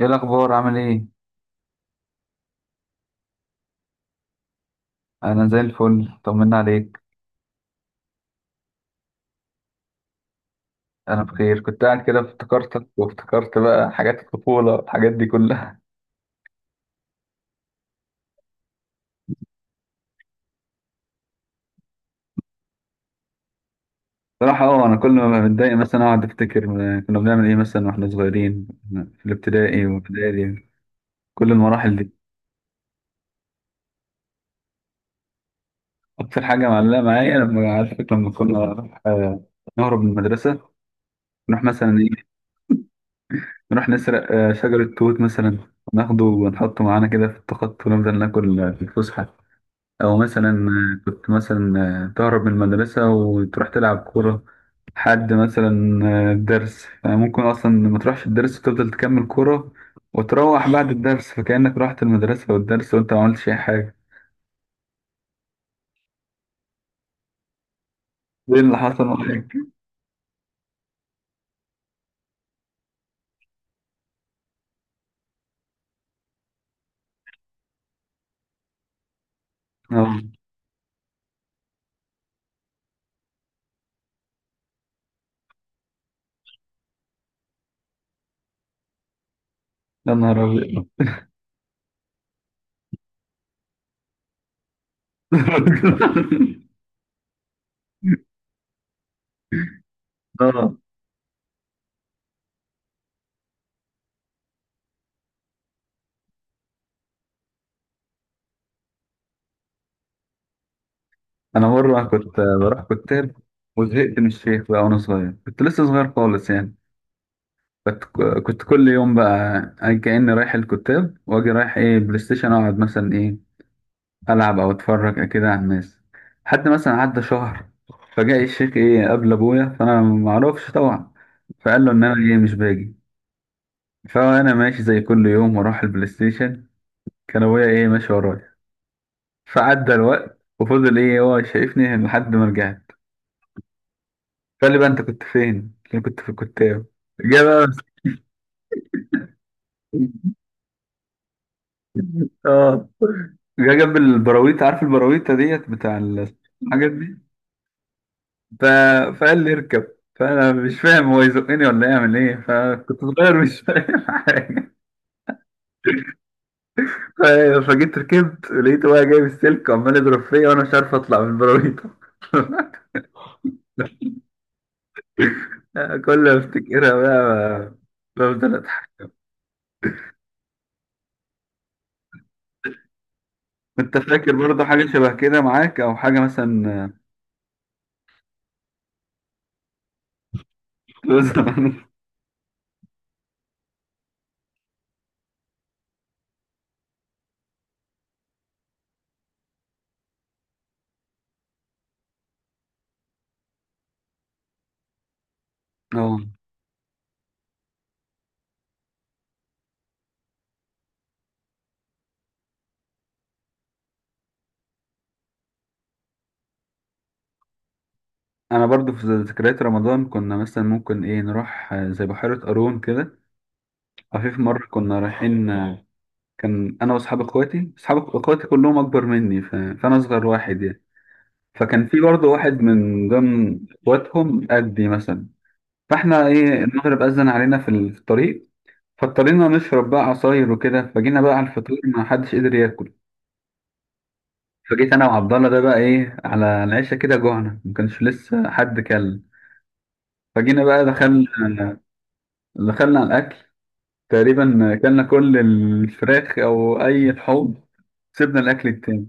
ايه الاخبار عامل ايه؟ انا زي الفل، طمنا عليك. انا بخير، كنت قاعد كده افتكرتك وافتكرت بقى حاجات الطفوله والحاجات دي كلها. صراحه اه، انا كل ما بتضايق مثلا اقعد افتكر كنا بنعمل ايه مثلا واحنا صغيرين في الابتدائي، كل المراحل دي. اكتر حاجه معلقه معايا لما عارفك لما كنا نروح، آه، نهرب من المدرسه، نروح مثلا ايه، نروح نسرق شجره توت مثلا، ناخده ونحطه معانا كده في التخط ونفضل ناكل في الفسحه. او مثلا كنت مثلا تهرب من المدرسة وتروح تلعب كورة، حد مثلا الدرس ممكن اصلا ما تروحش الدرس وتفضل تكمل كورة، وتروح بعد الدرس فكأنك رحت المدرسة والدرس وانت ما عملتش اي حاجة. ايه اللي حصل معاك؟ اه. يا نهار ابيض. اه. انا مرة كنت بروح كتاب وزهقت من الشيخ بقى، وانا صغير كنت لسه صغير خالص يعني. كنت كنت كل يوم بقى كأني رايح الكتاب واجي رايح ايه بلاي ستيشن، اقعد مثلا ايه العب او اتفرج كده على الناس. حد مثلا عدى شهر، فجاء الشيخ ايه قابل ابويا، فانا معرفش طبعا، فقال له ان انا ايه مش باجي. فانا ماشي زي كل يوم واروح البلاي ستيشن، كان ابويا ايه ماشي ورايا. فعدى الوقت وفضل ايه هو شايفني لحد ما رجعت، فقال لي بقى انت كنت فين؟ قلت له كنت في الكتاب. جه بقى. اه. جه جنب البراويتة، عارف البراويتة ديت بتاع الحاجات دي. ف... فقال لي اركب، فانا مش فاهم هو يزقني ولا يعمل ايه، فكنت صغير مش فاهم حاجه. ف... فجيت ركبت لقيته بقى جايب السلك وعمال يضرب فيا وانا مش عارف اطلع من البراويتة. كل ما افتكرها بقى بفضل اضحك. انت فاكر برضه حاجة شبه كده معاك او حاجة مثلا؟ في زمان اه. انا برضه في ذكريات رمضان، كنا مثلا ممكن ايه نروح زي بحيرة قارون كده، عفيف مرة كنا رايحين. كان أنا وأصحاب إخواتي، أصحاب إخواتي كلهم أكبر مني، فأنا أصغر واحد يعني. فكان في برضه واحد من ضمن إخواتهم قدي مثلا. فإحنا إيه المغرب أذن علينا في في الطريق، فاضطرينا نشرب بقى عصاير وكده، فجينا بقى على الفطور ما حدش قدر ياكل. فجيت أنا وعبد الله ده بقى إيه على العشاء كده جوعنا ما كانش لسه حد كل. فجينا بقى دخلنا، دخلنا على الأكل، تقريبا اكلنا كل الفراخ او اي لحوم، سيبنا الاكل التاني.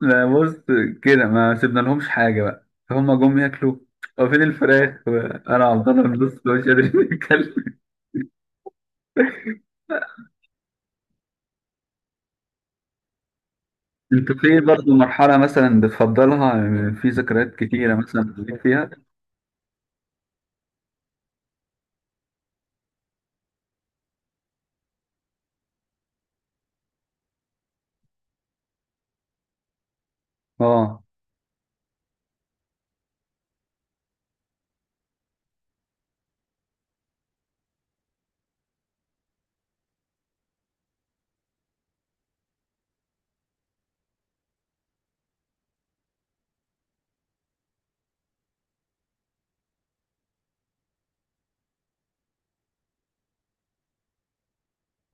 لا بص، كده ما سيبنا لهمش حاجه بقى فهم جم ياكلوا، هو فين الفراخ؟ انا عبد الله بنص مش قادر اتكلم. انت في برضه مرحله مثلا بتفضلها، في ذكريات كتيره مثلا بتعيد فيها؟ اه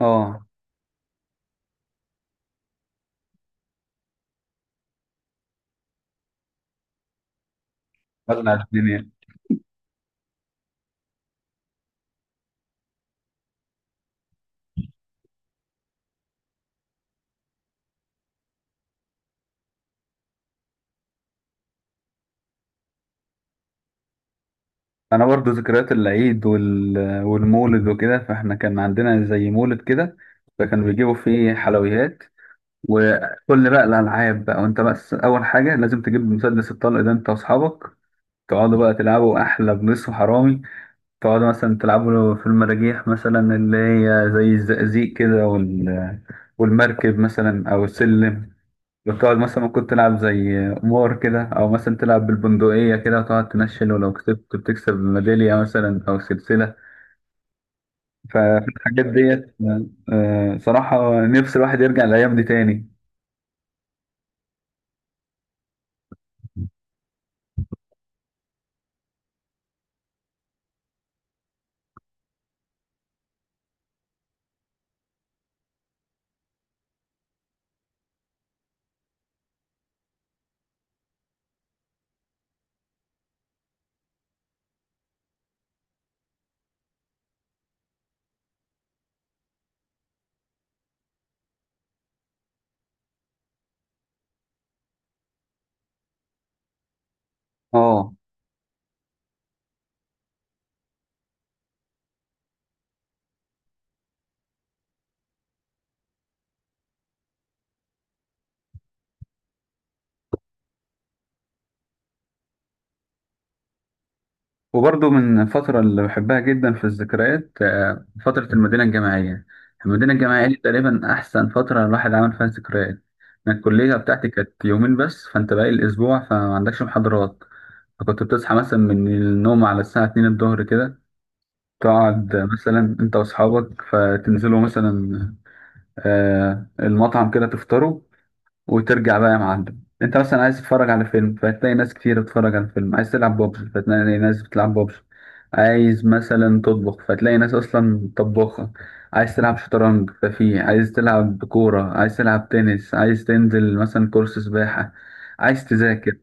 اه. ولع الدنيا. انا برضه ذكريات العيد والمولد وكده، فاحنا كان عندنا زي مولد كده، فكانوا بيجيبوا فيه حلويات وكل بقى الألعاب بقى، وأنت بس أول حاجة لازم تجيب مسدس الطلق ده أنت وأصحابك، تقعدوا بقى تلعبوا أحلى بليس وحرامي، تقعدوا مثلا تلعبوا في المراجيح مثلا اللي هي زي الزقازيق كده والمركب مثلا أو السلم، وتقعد مثلا ممكن تلعب زي قمار كده، أو مثلا تلعب بالبندقية كده وتقعد تنشل، ولو كسبت بتكسب ميدالية مثلا أو سلسلة. فالحاجات ديت صراحة نفس الواحد يرجع الأيام دي تاني. اه. وبرضه من الفترة اللي بحبها جدا في الذكريات فترة المدينة الجامعية. المدينة الجامعية دي تقريبا أحسن فترة الواحد عمل فيها ذكريات. أنا الكلية بتاعتي كانت يومين بس، فأنت باقي الأسبوع فما عندكش محاضرات. فكنت بتصحى مثلا من النوم على الساعة 2 الظهر كده، تقعد مثلا أنت وأصحابك فتنزلوا مثلا المطعم كده تفطروا، وترجع بقى يا معلم انت مثلا عايز تتفرج على فيلم فتلاقي ناس كتير بتتفرج على الفيلم، عايز تلعب ببجي فتلاقي ناس بتلعب ببجي، عايز مثلا تطبخ فتلاقي ناس اصلا طباخة، عايز تلعب شطرنج ففي، عايز تلعب كورة، عايز تلعب تنس، عايز تنزل مثلا كورس سباحة، عايز تذاكر،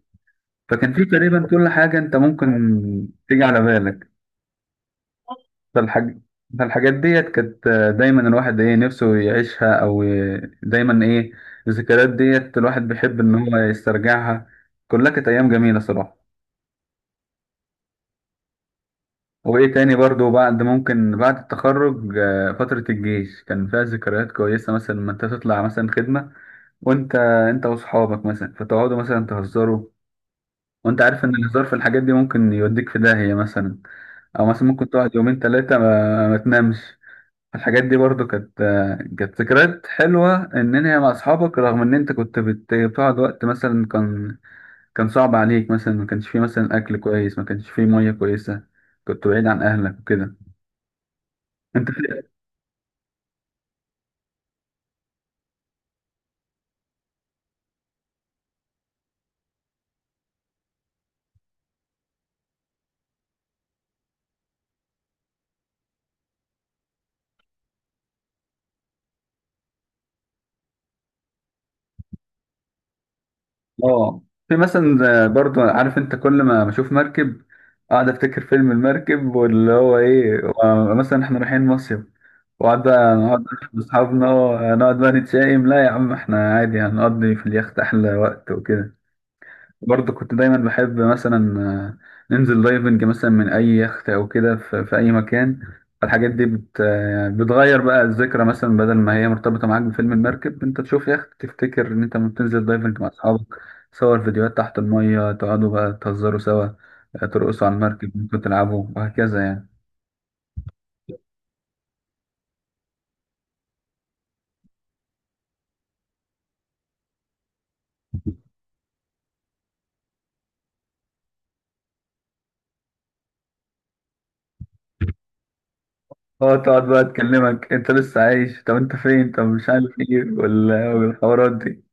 فكان في تقريبا كل حاجة انت ممكن تيجي على بالك. فالحاج... فالحاجات ديت كانت دايما الواحد ايه نفسه يعيشها او دايما ايه الذكريات ديت الواحد بيحب ان هو يسترجعها، كلها كانت ايام جميلة صراحة. وايه تاني برضو، بعد ممكن بعد التخرج فترة الجيش كان فيها ذكريات كويسة، مثلا لما انت تطلع مثلا خدمة وانت واصحابك مثلا، فتقعدوا مثلا تهزروا، وانت عارف ان الهزار في الحاجات دي ممكن يوديك في داهية مثلا، او مثلا ممكن تقعد يومين ثلاثة ما تنامش. الحاجات دي برضو كانت، كانت ذكريات حلوة إن أنت مع أصحابك، رغم إن أنت كنت بتقعد وقت مثلا كان، كان صعب عليك، مثلا ما كانش فيه مثلا أكل كويس، ما كانش فيه مية كويسة، كنت بعيد عن أهلك وكده. أنت في آه. في مثلا برضو عارف أنت كل ما بشوف مركب أقعد أفتكر فيلم المركب واللي هو إيه مثلا إحنا رايحين مصيف، وقعد بقى نقعد مع أصحابنا، نقعد بقى نتشائم، لا يا عم إحنا عادي هنقضي في اليخت أحلى وقت وكده. برضه كنت دايما بحب مثلا ننزل دايفنج مثلا من اي يخت او كده في اي مكان. الحاجات دي بت آه، بتغير بقى الذكرى مثلا بدل ما هي مرتبطه معاك بفيلم المركب، انت تشوف يخت تفتكر ان انت لما بتنزل دايفنج مع اصحابك، تصور فيديوهات تحت الميه، تقعدوا بقى تهزروا سوا، ترقصوا على المركب ممكن تلعبوا وهكذا يعني. اه تقعد بقى تكلمك انت لسه عايش، طب انت فين، طب مش عارف ايه والحوارات دي.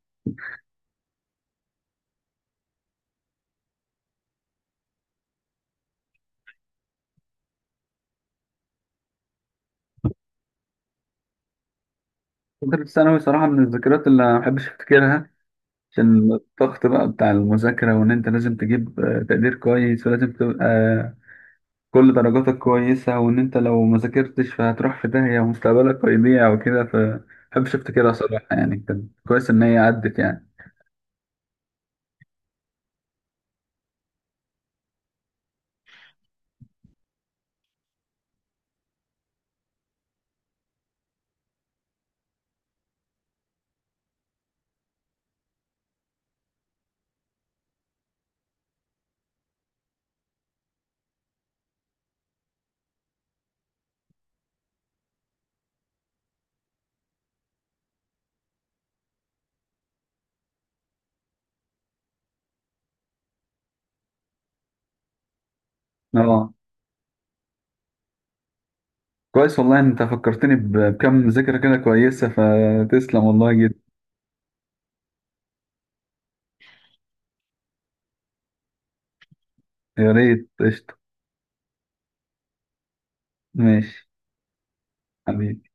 فترة ثانوي صراحة من الذكريات اللي ما بحبش أفتكرها عشان الضغط بقى بتاع المذاكرة، وإن أنت لازم تجيب تقدير كويس ولازم تبقى كل درجاتك كويسة، وإن أنت لو ما ذاكرتش فهتروح في داهية ومستقبلك هيضيع وكده، فمحبش أفتكرها صراحة يعني، كان كويس إن هي عدت يعني. أه. كويس والله إن أنت فكرتني بكم ذكرى كده كويسة، فتسلم والله جدا. يا ريت قشطة. ماشي. حبيبي.